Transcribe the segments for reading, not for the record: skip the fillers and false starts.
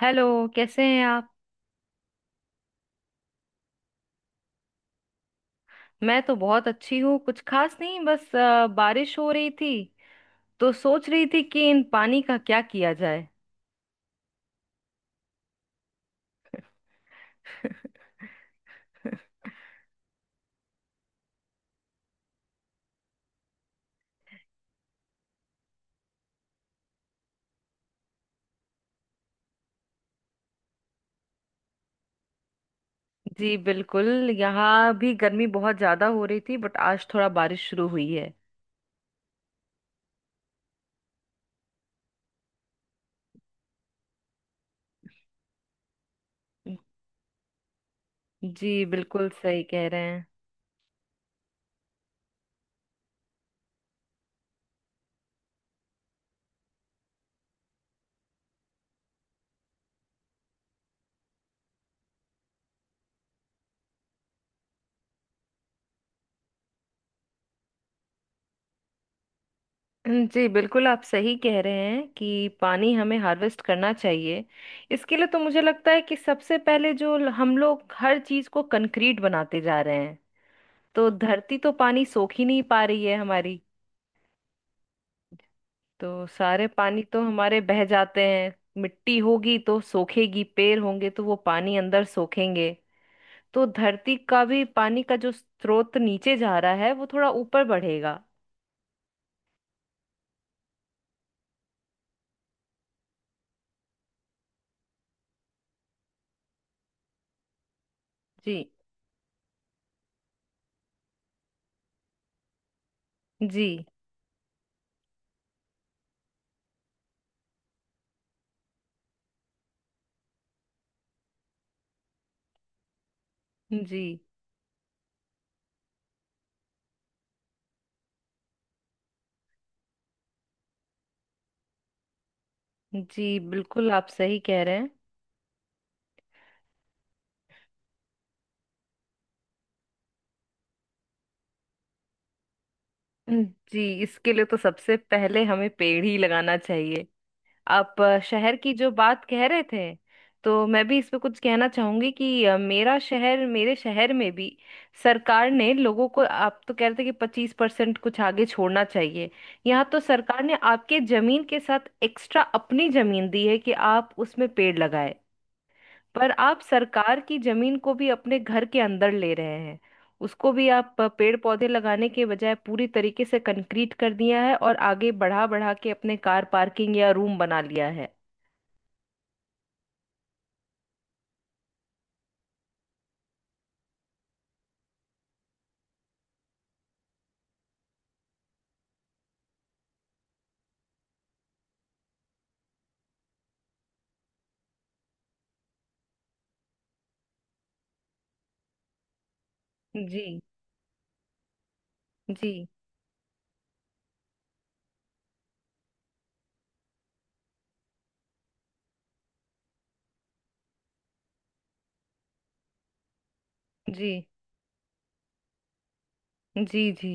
Hello. कैसे हैं आप? मैं तो बहुत अच्छी हूँ। कुछ खास नहीं, बस बारिश हो रही थी। तो सोच रही थी कि इन पानी का क्या किया जाए। जी बिल्कुल, यहाँ भी गर्मी बहुत ज्यादा हो रही थी, बट आज थोड़ा बारिश शुरू हुई है। जी बिल्कुल सही कह रहे हैं। जी बिल्कुल आप सही कह रहे हैं कि पानी हमें हार्वेस्ट करना चाहिए। इसके लिए तो मुझे लगता है कि सबसे पहले जो हम लोग हर चीज को कंक्रीट बनाते जा रहे हैं। तो धरती तो पानी सोख ही नहीं पा रही है हमारी। तो सारे पानी तो हमारे बह जाते हैं। मिट्टी होगी तो सोखेगी, पेड़ होंगे तो वो पानी अंदर सोखेंगे। तो धरती का भी पानी का जो स्रोत नीचे जा रहा है वो थोड़ा ऊपर बढ़ेगा। जी जी जी। जी बिल्कुल आप सही कह रहे हैं। हम्म। जी, इसके लिए तो सबसे पहले हमें पेड़ ही लगाना चाहिए। आप शहर की जो बात कह रहे थे। तो मैं भी इस पे कुछ कहना चाहूंगी कि मेरा शहर मेरे शहर में भी सरकार ने लोगों को, आप तो कह रहे थे कि 25% कुछ आगे छोड़ना चाहिए। यहाँ तो सरकार ने आपके जमीन के साथ एक्स्ट्रा अपनी जमीन दी है कि आप उसमें पेड़ लगाए। पर आप सरकार की जमीन को भी अपने घर के अंदर ले रहे हैं। उसको भी आप पेड़ पौधे लगाने के बजाय पूरी तरीके से कंक्रीट कर दिया है, और आगे बढ़ा बढ़ा के अपने कार पार्किंग या रूम बना लिया है। जी जी जी जी जी।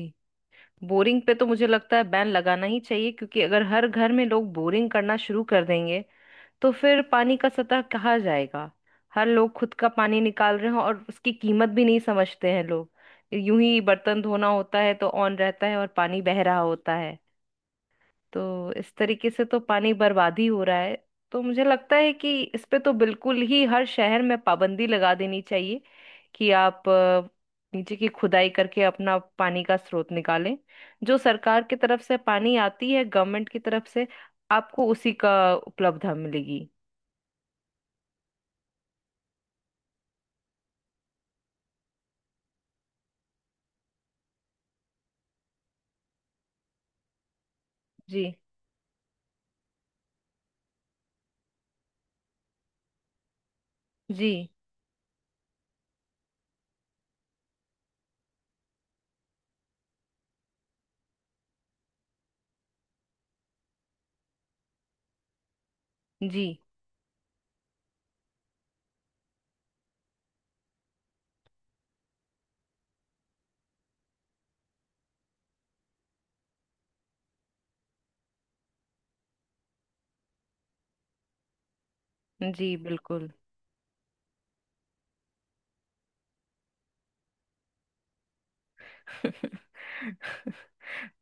बोरिंग पे तो मुझे लगता है बैन लगाना ही चाहिए, क्योंकि अगर हर घर में लोग बोरिंग करना शुरू कर देंगे तो फिर पानी का सतह कहाँ जाएगा। हर लोग खुद का पानी निकाल रहे हैं और उसकी कीमत भी नहीं समझते हैं लोग। यूं ही बर्तन धोना होता है तो ऑन रहता है और पानी बह रहा होता है। तो इस तरीके से तो पानी बर्बाद ही हो रहा है। तो मुझे लगता है कि इस पे तो बिल्कुल ही हर शहर में पाबंदी लगा देनी चाहिए कि आप नीचे की खुदाई करके अपना पानी का स्रोत निकालें। जो सरकार की तरफ से पानी आती है, गवर्नमेंट की तरफ से, आपको उसी का उपलब्धता मिलेगी। जी जी जी जी बिल्कुल।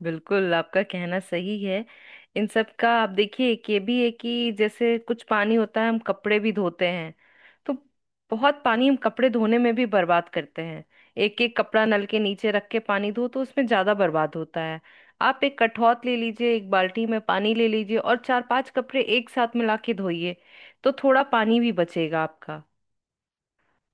बिल्कुल, आपका कहना सही है। इन सब का आप देखिए, एक ये भी है कि जैसे कुछ पानी होता है, हम कपड़े भी धोते हैं। तो बहुत पानी हम कपड़े धोने में भी बर्बाद करते हैं। एक एक कपड़ा नल के नीचे रख के पानी धो तो उसमें ज्यादा बर्बाद होता है। आप एक कठौत ले लीजिए, एक बाल्टी में पानी ले लीजिए और चार पांच कपड़े एक साथ मिला के धोइए। तो थोड़ा पानी भी बचेगा आपका।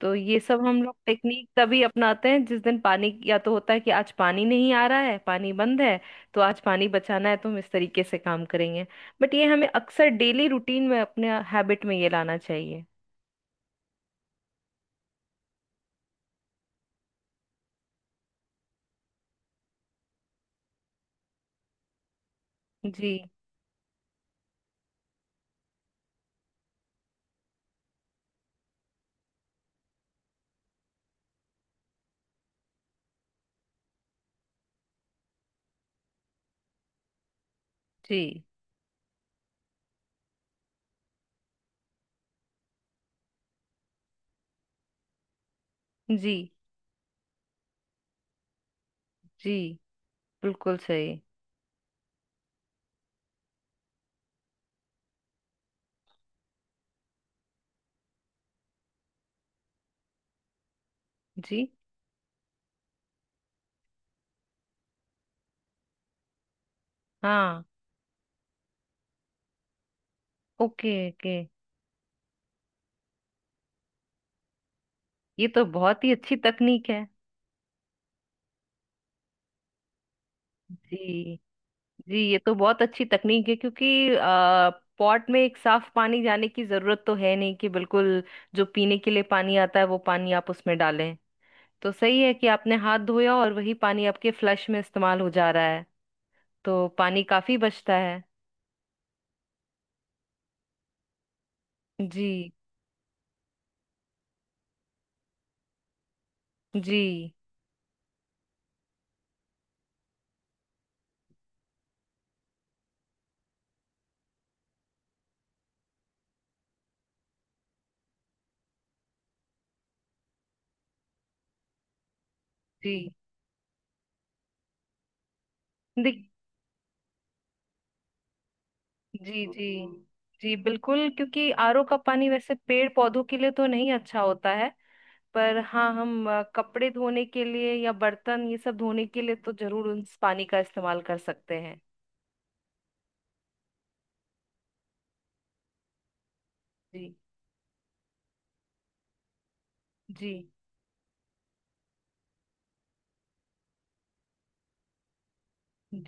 तो ये सब हम लोग टेक्निक तभी अपनाते हैं जिस दिन पानी या तो होता है कि आज पानी नहीं आ रहा है, पानी बंद है। तो आज पानी बचाना है तो हम इस तरीके से काम करेंगे। बट ये हमें अक्सर डेली रूटीन में अपने हैबिट में ये लाना चाहिए। जी जी जी जी बिल्कुल सही। जी हाँ। Okay okay. ये तो बहुत ही अच्छी तकनीक है। जी जी, ये तो बहुत अच्छी तकनीक है, क्योंकि पॉट में एक साफ पानी जाने की जरूरत तो है नहीं कि बिल्कुल। जो पीने के लिए पानी आता है वो पानी आप उसमें डालें। तो सही है कि आपने हाथ धोया और वही पानी आपके फ्लश में इस्तेमाल हो जा रहा है। तो पानी काफी बचता है। जी जी जी। देख- जी जी जी बिल्कुल, क्योंकि आरओ का पानी वैसे पेड़ पौधों के लिए तो नहीं अच्छा होता है। पर हाँ, हम कपड़े धोने के लिए या बर्तन ये सब धोने के लिए तो जरूर उस पानी का इस्तेमाल कर सकते हैं। जी जी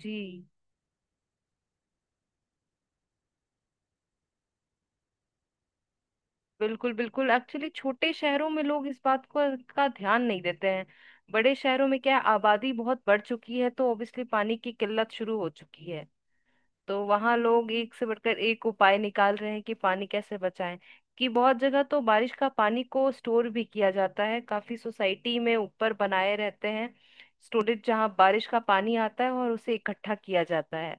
जी बिल्कुल बिल्कुल। एक्चुअली छोटे शहरों में लोग इस बात को का ध्यान नहीं देते हैं। बड़े शहरों में क्या है, आबादी बहुत बढ़ चुकी है तो ऑब्वियसली पानी की किल्लत शुरू हो चुकी है। तो वहां लोग एक से बढ़कर एक उपाय निकाल रहे हैं कि पानी कैसे बचाएं। कि बहुत जगह तो बारिश का पानी को स्टोर भी किया जाता है, काफी सोसाइटी में ऊपर बनाए रहते हैं स्टोरेज, जहाँ बारिश का पानी आता है और उसे इकट्ठा किया जाता है।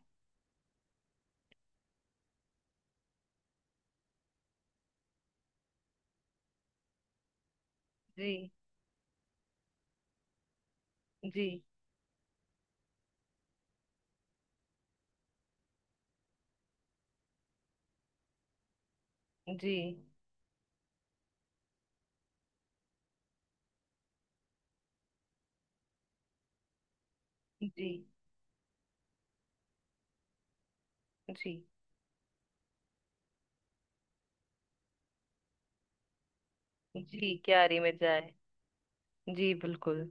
जी जी जी जी जी जी जी क्यारी में जाए। जी बिल्कुल।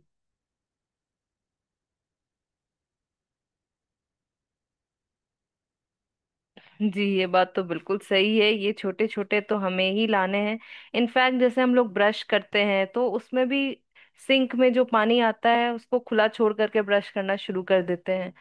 जी, ये बात तो बिल्कुल सही है, ये छोटे छोटे तो हमें ही लाने हैं। इनफैक्ट जैसे हम लोग ब्रश करते हैं तो उसमें भी सिंक में जो पानी आता है उसको खुला छोड़ करके ब्रश करना शुरू कर देते हैं।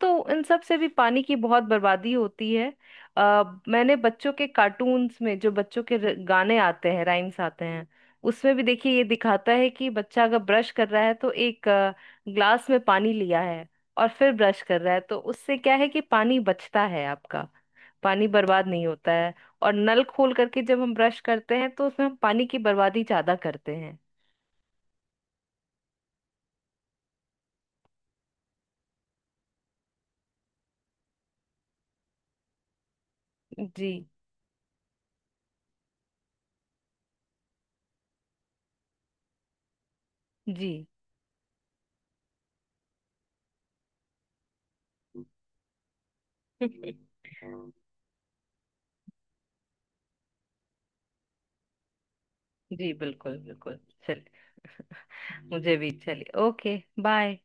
तो इन सब से भी पानी की बहुत बर्बादी होती है। आ, मैंने बच्चों के कार्टून्स में जो बच्चों के गाने आते हैं, राइम्स आते हैं। उसमें भी देखिए ये दिखाता है कि बच्चा अगर ब्रश कर रहा है तो एक ग्लास में पानी लिया है। और फिर ब्रश कर रहा है तो उससे क्या है कि पानी बचता है आपका। पानी बर्बाद नहीं होता है। और नल खोल करके जब हम ब्रश करते हैं तो उसमें हम पानी की बर्बादी ज्यादा करते हैं। जी जी। जी बिल्कुल बिल्कुल। चलिए, मुझे भी चलिए। ओके। बाय।